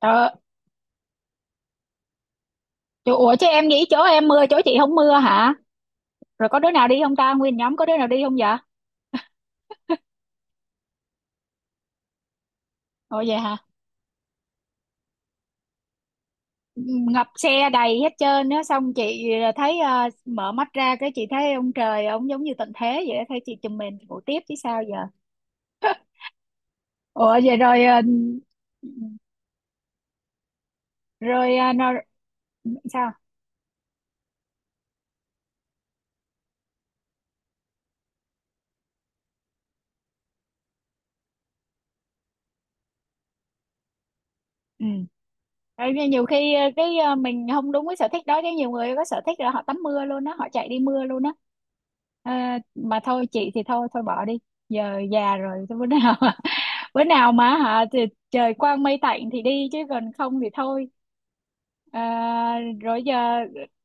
Trời, ủa chứ em nghĩ chỗ em mưa chỗ chị không mưa hả? Rồi có đứa nào đi không ta? Nguyên nhóm có đứa nào đi không vậy? Ồ vậy hả? Ngập xe đầy hết trơn á, xong chị thấy mở mắt ra cái chị thấy ông trời ông giống như tận thế vậy á, thấy chị chùm mình ngủ tiếp chứ sao giờ. Ủa vậy rồi ờ, nó, sao? Ừ. Đấy, nhưng nhiều khi mình không đúng với sở thích đó, chứ nhiều người có sở thích là họ tắm mưa luôn á, họ chạy đi mưa luôn á. Ờ, mà thôi, chị thì thôi thôi bỏ đi, giờ già rồi. Thôi bữa nào bữa nào mà hả thì trời quang mây tạnh thì đi, chứ còn không thì thôi. Ờ, rồi giờ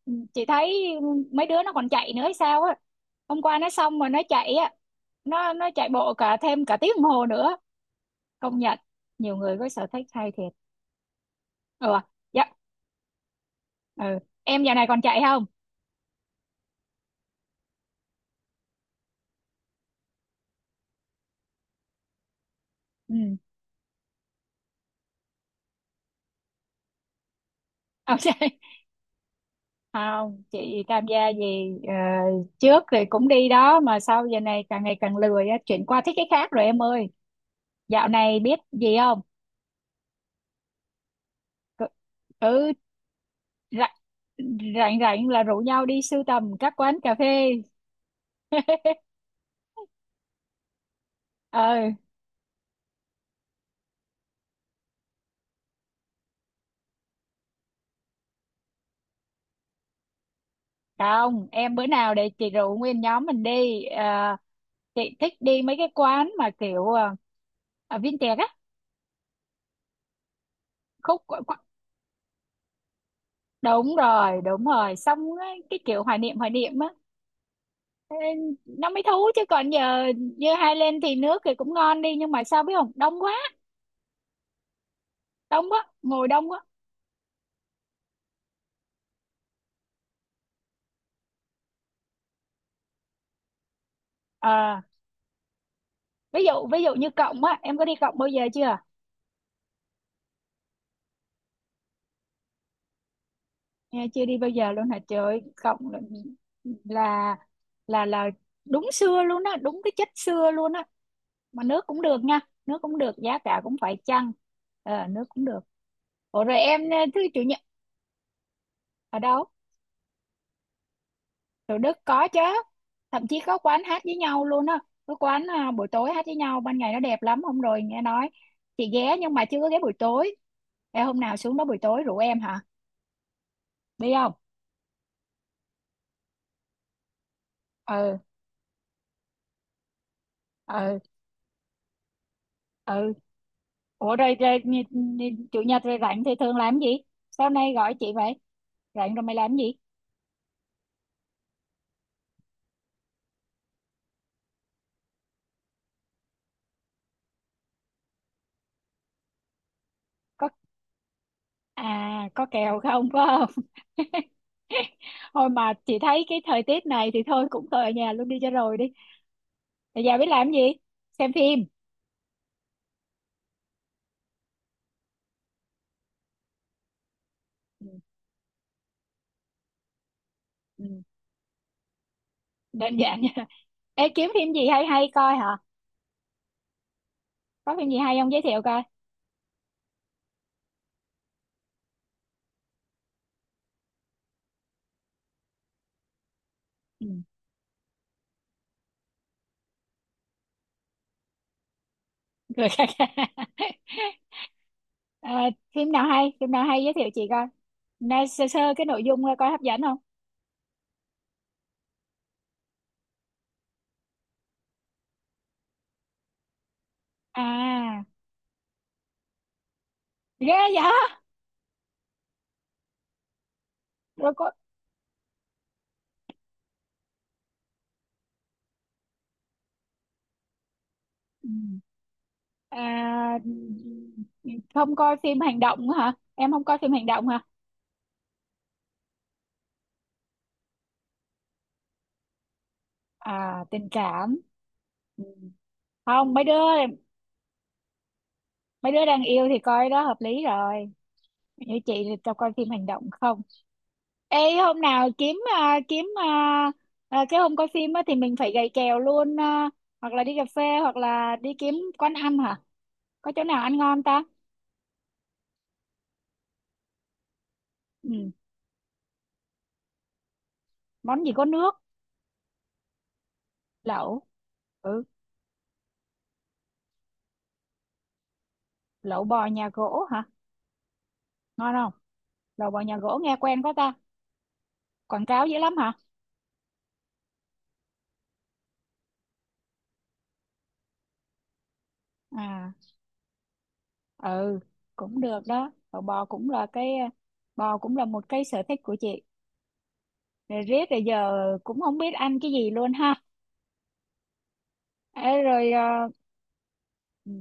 ừ, chị thấy mấy đứa nó còn chạy nữa hay sao á. Hôm qua nó xong mà nó chạy á, nó chạy bộ cả thêm cả tiếng đồng hồ nữa. Công nhận nhiều người có sở thích hay thiệt. Ừ, ừ. Em giờ này còn chạy không? Ừ. Không chạy. Không, chị tham gia gì trước thì cũng đi đó, mà sau giờ này càng ngày càng lười á, chuyển qua thích cái khác rồi em ơi. Dạo này biết gì không? cứ ừ, rảnh rảnh rảnh là rủ nhau đi sưu tầm các quán cà phê. Ờ không, em bữa nào để chị rủ nguyên nhóm mình đi. Ờ, chị thích đi mấy cái quán mà kiểu vintage á. khúc đúng rồi, đúng rồi, xong á, cái kiểu hoài niệm á. Ê, nó mới thú chứ còn giờ như hai lên thì nước thì cũng ngon đi, nhưng mà sao biết không, đông quá. Ngồi đông quá. Ờ, ví dụ như Cộng á, em có đi Cộng bao giờ chưa? Nghe chưa đi bao giờ luôn hả, trời ơi, Cộng là là là đúng xưa luôn á, đúng cái chất xưa luôn á. Mà nước cũng được nha, nước cũng được, giá cả cũng phải chăng. Ờ nước cũng được. Ủa rồi em thứ chủ nhật ở đâu? Thủ Đức có chứ, thậm chí có quán hát với nhau luôn á. Có quán à, buổi tối hát với nhau, ban ngày nó đẹp lắm. Hôm rồi nghe nói, chị ghé nhưng mà chưa có ghé buổi tối. Ê, hôm nào xuống đó buổi tối rủ em hả, đi không? Ừ ừ ừ. ủa rồi, rồi nhi- nhi- chủ nhật rồi rảnh thì thường làm gì, sao nay gọi chị vậy, rảnh rồi mày làm gì? Có, à có kèo không có không. Thôi mà chị thấy cái thời tiết này thì thôi, cũng thôi ở nhà luôn đi cho rồi đi. Ở nhà biết làm gì? Xem phim. Ừ. Ừ. Đơn giản nha. Ê, kiếm phim gì hay hay coi hả, có phim gì hay không giới thiệu coi? Ừ. Cười khà khà. Ờ, phim nào hay giới thiệu chị coi, nói sơ sơ cái nội dung coi coi hấp dẫn không. À, ghê vậy. Rồi có ừ. À, không coi phim hành động nữa hả, em không coi phim hành động hả? À tình cảm. Ừ. Không, mấy đứa, mấy đứa đang yêu thì coi đó hợp lý rồi, như chị thì tao coi phim hành động không. Ê hôm nào kiếm cái hôm coi phim á, thì mình phải gầy kèo luôn à, hoặc là đi cà phê, hoặc là đi kiếm quán ăn hả? Có chỗ nào ăn ngon ta? Ừ. Món gì có nước? Lẩu. Ừ, lẩu bò nhà gỗ hả? Ngon không? Lẩu bò nhà gỗ nghe quen quá ta. Quảng cáo dữ lắm hả? À, ừ, cũng được đó. Lẩu bò cũng là bò cũng là một cái sở thích của chị. Rồi riết rồi giờ cũng không biết ăn cái gì luôn ha. Ê, rồi ừ,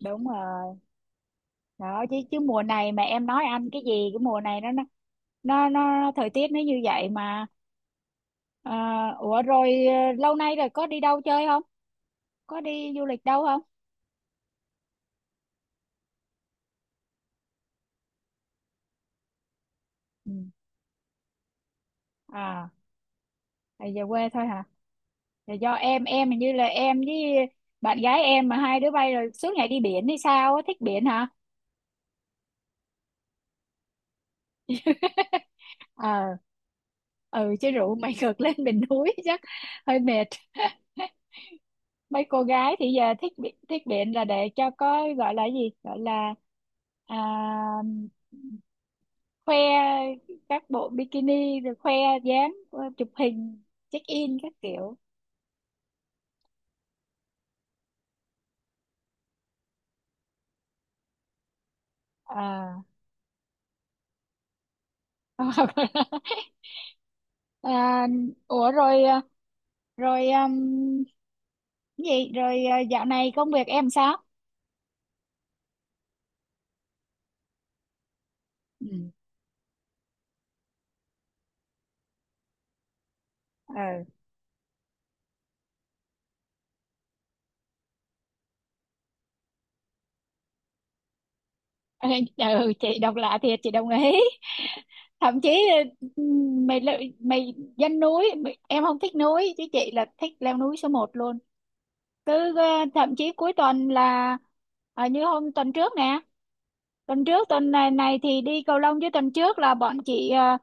đúng rồi. Đó chứ, chứ mùa này mà em nói anh cái gì, cái mùa này nó thời tiết nó như vậy mà. Ờ, ủa rồi ờ, lâu nay rồi có đi đâu chơi không? Có đi du lịch đâu không? Ừ. À, thì về quê thôi hả? Thì do em hình như là em với bạn gái em mà hai đứa bay rồi suốt ngày đi biển hay sao á, thích biển hả? ờ ừ chứ rượu mày ngược lên bình núi chắc hơi mệt. Mấy cô gái thì giờ thích bị- thích biện là để cho có gọi là gì, gọi là à, khoe các bộ bikini, rồi khoe dáng, chụp hình, check in các kiểu. À à, ủa rồi ờ, rồi gì rồi à, dạo này công việc em sao? Ừ. Ừ, ừ, chị độc lạ thiệt, chị đồng ý. Thậm chí ừ, mày lự- mày dân núi mày- em không thích núi chứ chị là thích leo núi số một luôn. Cứ thậm chí cuối tuần là như hôm tuần trước nè, tuần này, này thì đi cầu lông, chứ tuần trước là bọn chị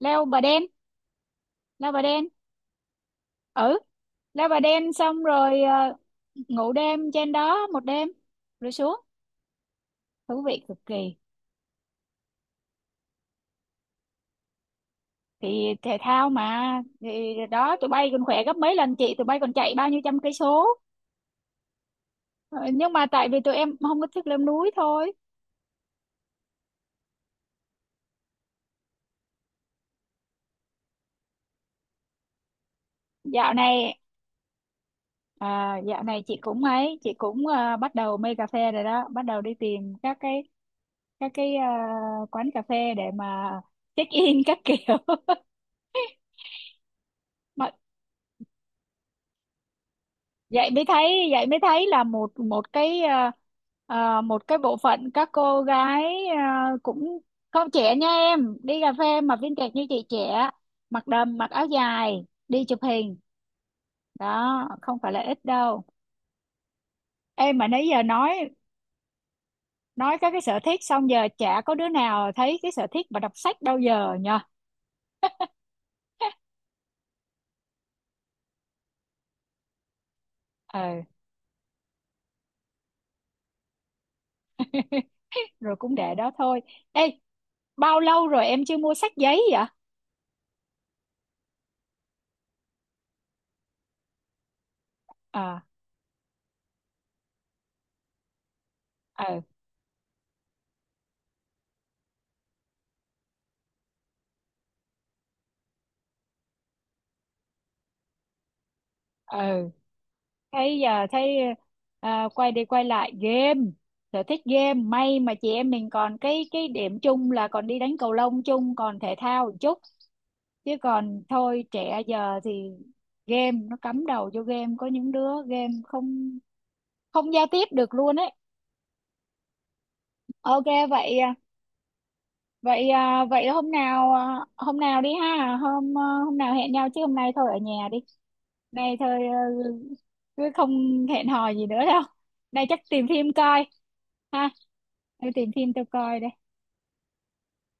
leo Bà Đen. leo Bà Đen ừ, leo Bà Đen xong rồi ngủ đêm trên đó một đêm rồi xuống. Thú vị cực kỳ. Thì thể thao mà, thì đó, tụi bay còn khỏe gấp mấy lần chị, tụi bay còn chạy bao nhiêu trăm cây số. Ờ, nhưng mà tại vì tụi em không có thích leo núi thôi. dạo này dạo này chị cũng ấy, chị cũng à, bắt đầu mê cà phê rồi đó, bắt đầu đi tìm các cái, các cái à, quán cà phê để mà check in các kiểu. Mọi vậy mới thấy, vậy mới thấy là một một cái một cái bộ phận các cô gái cũng không trẻ nha em, đi cà phê mà viên kẹt như chị trẻ, mặc đầm mặc áo dài đi chụp hình, đó không phải là ít đâu. Em mà nãy giờ nói các cái sở thích xong giờ chả có đứa nào thấy cái sở thích mà đọc sách đâu, giờ nhờ. Ừ rồi cũng để đó thôi. Ê, bao lâu rồi em chưa mua sách giấy vậy? Ờ ờ ừ. Thấy giờ thấy à, quay đi quay lại game, sở thích game. May mà chị em mình còn cái điểm chung là còn đi đánh cầu lông chung, còn thể thao một chút, chứ còn thôi trẻ giờ thì game. Nó cắm đầu vô game, có những đứa game không không giao tiếp được luôn ấy. Ok. vậy à, vậy hôm nào hôm nào đi ha, hôm nào hẹn nhau, chứ hôm nay thôi ở nhà đi. Nay thôi cứ không hẹn hò gì nữa đâu, nay chắc tìm phim coi ha. Tôi tìm phim tôi coi đây.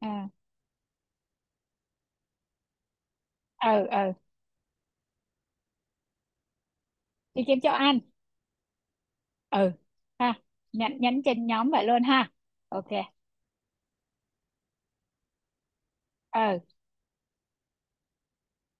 À ừ, ừ, đi kiếm chỗ ăn. Ừ ha, nhắn nhắn trên nhóm vậy luôn ha. Ok ừ.